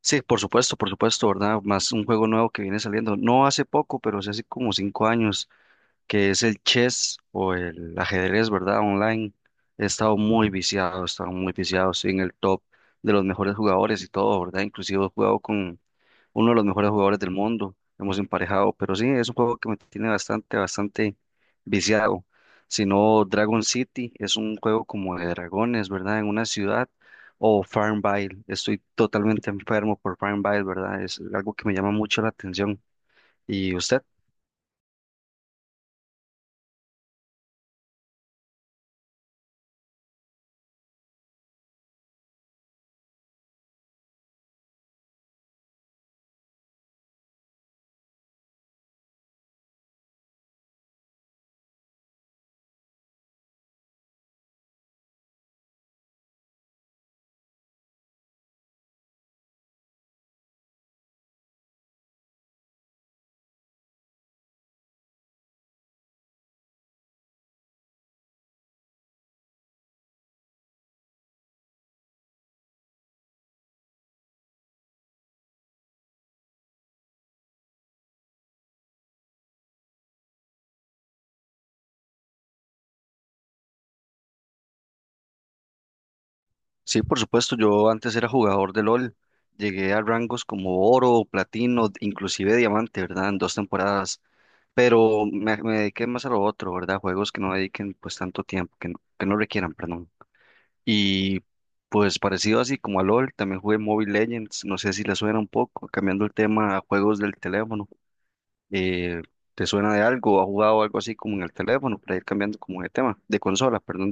Sí, por supuesto, ¿verdad? Más un juego nuevo que viene saliendo, no hace poco, pero sí hace como 5 años, que es el chess o el ajedrez, ¿verdad? Online. He estado muy viciado, he estado muy viciado, sí, en el top de los mejores jugadores y todo, ¿verdad? Inclusive he jugado con uno de los mejores jugadores del mundo. Hemos emparejado, pero sí, es un juego que me tiene bastante, bastante viciado. Si no, Dragon City es un juego como de dragones, ¿verdad? En una ciudad. O Farmville. Estoy totalmente enfermo por Farmville, ¿verdad? Es algo que me llama mucho la atención. ¿Y usted? Sí, por supuesto, yo antes era jugador de LOL. Llegué a rangos como oro, platino, inclusive diamante, ¿verdad? En 2 temporadas. Pero me dediqué más a lo otro, ¿verdad? Juegos que no dediquen pues tanto tiempo, que no requieran, perdón. Y pues parecido así como a LOL, también jugué Mobile Legends, no sé si le suena un poco, cambiando el tema a juegos del teléfono. Eh, ¿Te suena de algo? ¿Ha jugado algo así como en el teléfono para ir cambiando como de tema, de consola, perdón?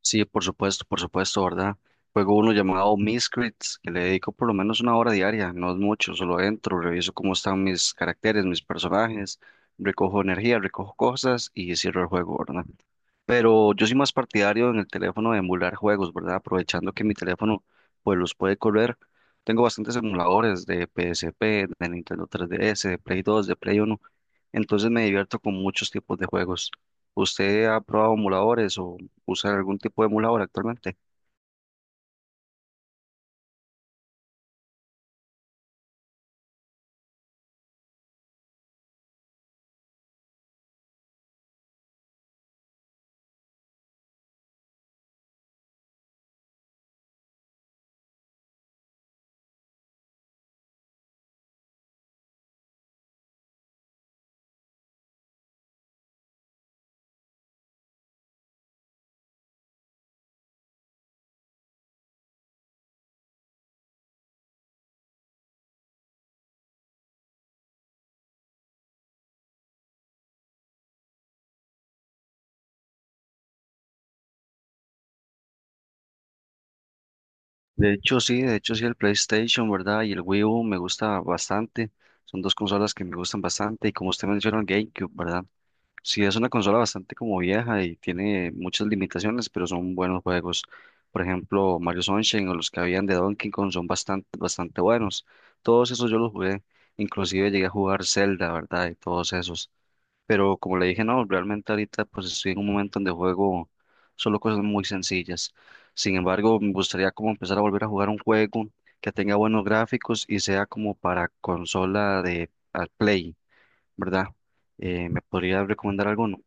Sí, por supuesto, ¿verdad? Juego uno llamado Miscrits, que le dedico por lo menos 1 hora diaria, no es mucho, solo entro, reviso cómo están mis caracteres, mis personajes, recojo energía, recojo cosas y cierro el juego, ¿verdad? Pero yo soy más partidario en el teléfono de emular juegos, ¿verdad? Aprovechando que mi teléfono pues los puede correr. Tengo bastantes emuladores de PSP, de Nintendo 3DS, de Play 2, de Play 1. Entonces me divierto con muchos tipos de juegos. ¿Usted ha probado emuladores o usa algún tipo de emulador actualmente? De hecho, sí, el PlayStation, ¿verdad? Y el Wii U me gusta bastante. Son dos consolas que me gustan bastante. Y como usted menciona, el GameCube, ¿verdad? Sí, es una consola bastante como vieja y tiene muchas limitaciones, pero son buenos juegos. Por ejemplo, Mario Sunshine o los que habían de Donkey Kong son bastante, bastante buenos. Todos esos yo los jugué. Inclusive llegué a jugar Zelda, ¿verdad? Y todos esos. Pero como le dije, no, realmente ahorita pues estoy en un momento donde juego solo cosas muy sencillas. Sin embargo, me gustaría como empezar a volver a jugar un juego que tenga buenos gráficos y sea como para consola de al Play, ¿verdad? ¿Me podría recomendar alguno?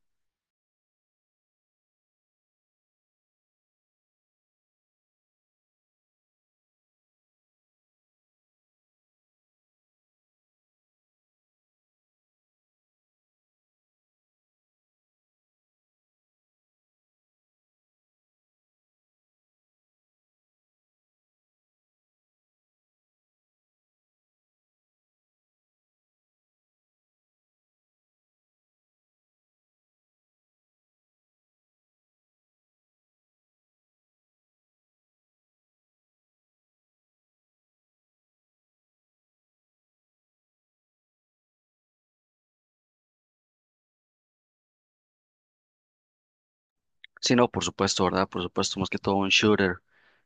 Sí, no, por supuesto, ¿verdad? Por supuesto, más que todo un shooter.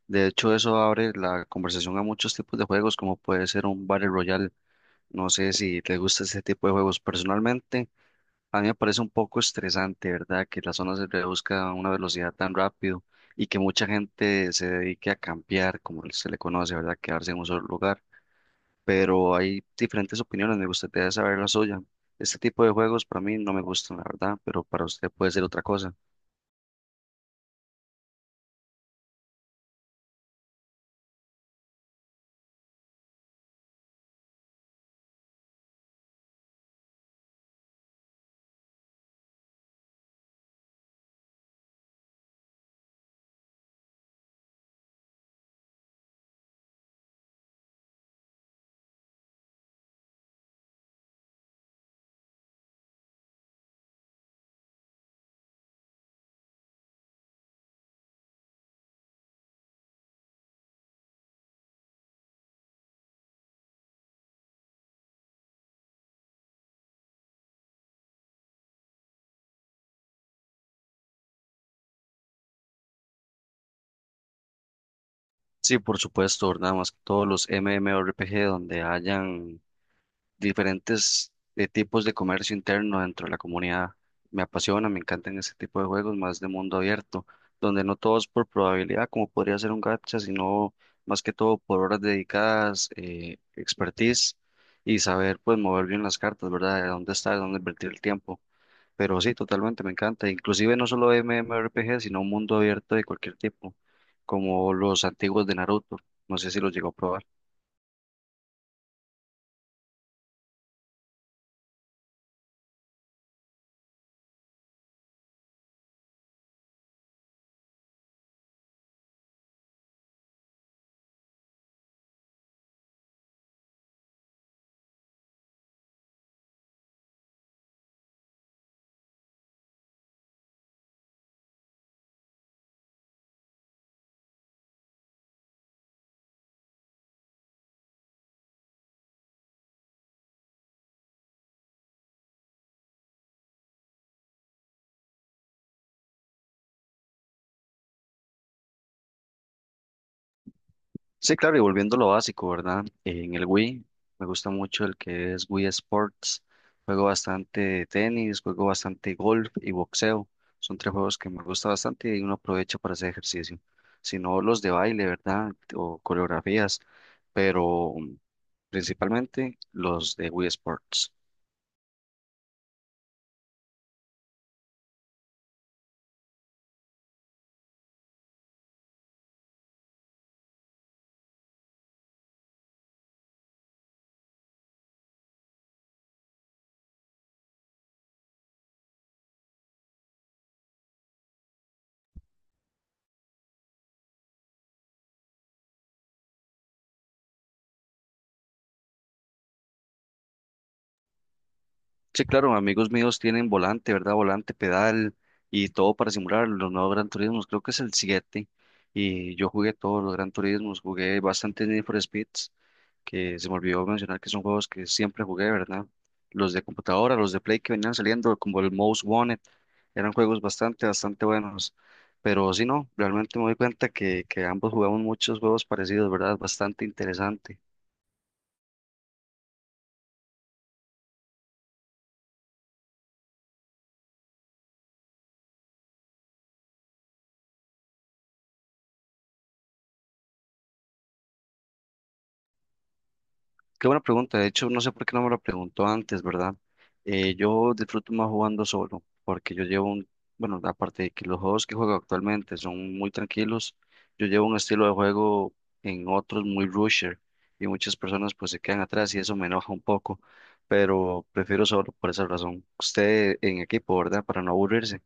De hecho, eso abre la conversación a muchos tipos de juegos, como puede ser un Battle Royale. No sé si te gusta ese tipo de juegos. Personalmente, a mí me parece un poco estresante, ¿verdad? Que la zona se reduzca a una velocidad tan rápido y que mucha gente se dedique a campear, como se le conoce, ¿verdad? Quedarse en un solo lugar. Pero hay diferentes opiniones, me gustaría saber la suya. Este tipo de juegos para mí no me gustan, la verdad, pero para usted puede ser otra cosa. Sí, por supuesto, nada más que todos los MMORPG donde hayan diferentes tipos de comercio interno dentro de la comunidad. Me apasiona, me encantan ese tipo de juegos más de mundo abierto, donde no todo es por probabilidad, como podría ser un gacha, sino más que todo por horas dedicadas, expertise y saber pues mover bien las cartas, ¿verdad? De dónde estar, dónde invertir el tiempo. Pero sí, totalmente, me encanta. Inclusive no solo MMORPG, sino un mundo abierto de cualquier tipo, como los antiguos de Naruto. No sé si los llegó a probar. Sí, claro, y volviendo a lo básico, ¿verdad? En el Wii me gusta mucho el que es Wii Sports. Juego bastante tenis, juego bastante golf y boxeo. Son tres juegos que me gusta bastante y uno aprovecha para hacer ejercicio. Si no, los de baile, ¿verdad? O coreografías, pero principalmente los de Wii Sports. Sí, claro, amigos míos tienen volante, ¿verdad? Volante, pedal y todo para simular los nuevos Gran Turismos. Creo que es el 7 y yo jugué todos los Gran Turismos, jugué bastante Need for Speeds, que se me olvidó mencionar que son juegos que siempre jugué, ¿verdad? Los de computadora, los de Play que venían saliendo, como el Most Wanted, eran juegos bastante, bastante buenos. Pero sí, no, realmente me doy cuenta que ambos jugamos muchos juegos parecidos, ¿verdad? Bastante interesante. Qué buena pregunta. De hecho, no sé por qué no me lo preguntó antes, ¿verdad? Yo disfruto más jugando solo, porque yo llevo un, bueno, aparte de que los juegos que juego actualmente son muy tranquilos, yo llevo un estilo de juego en otros muy rusher y muchas personas pues se quedan atrás y eso me enoja un poco, pero prefiero solo por esa razón. Usted en equipo, ¿verdad? Para no aburrirse.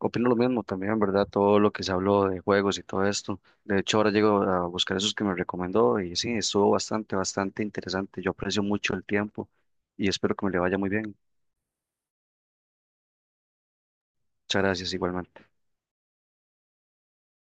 Opino lo mismo también, ¿verdad? Todo lo que se habló de juegos y todo esto. De hecho, ahora llego a buscar esos que me recomendó y sí, estuvo bastante, bastante interesante. Yo aprecio mucho el tiempo y espero que me le vaya muy bien. Muchas gracias igualmente.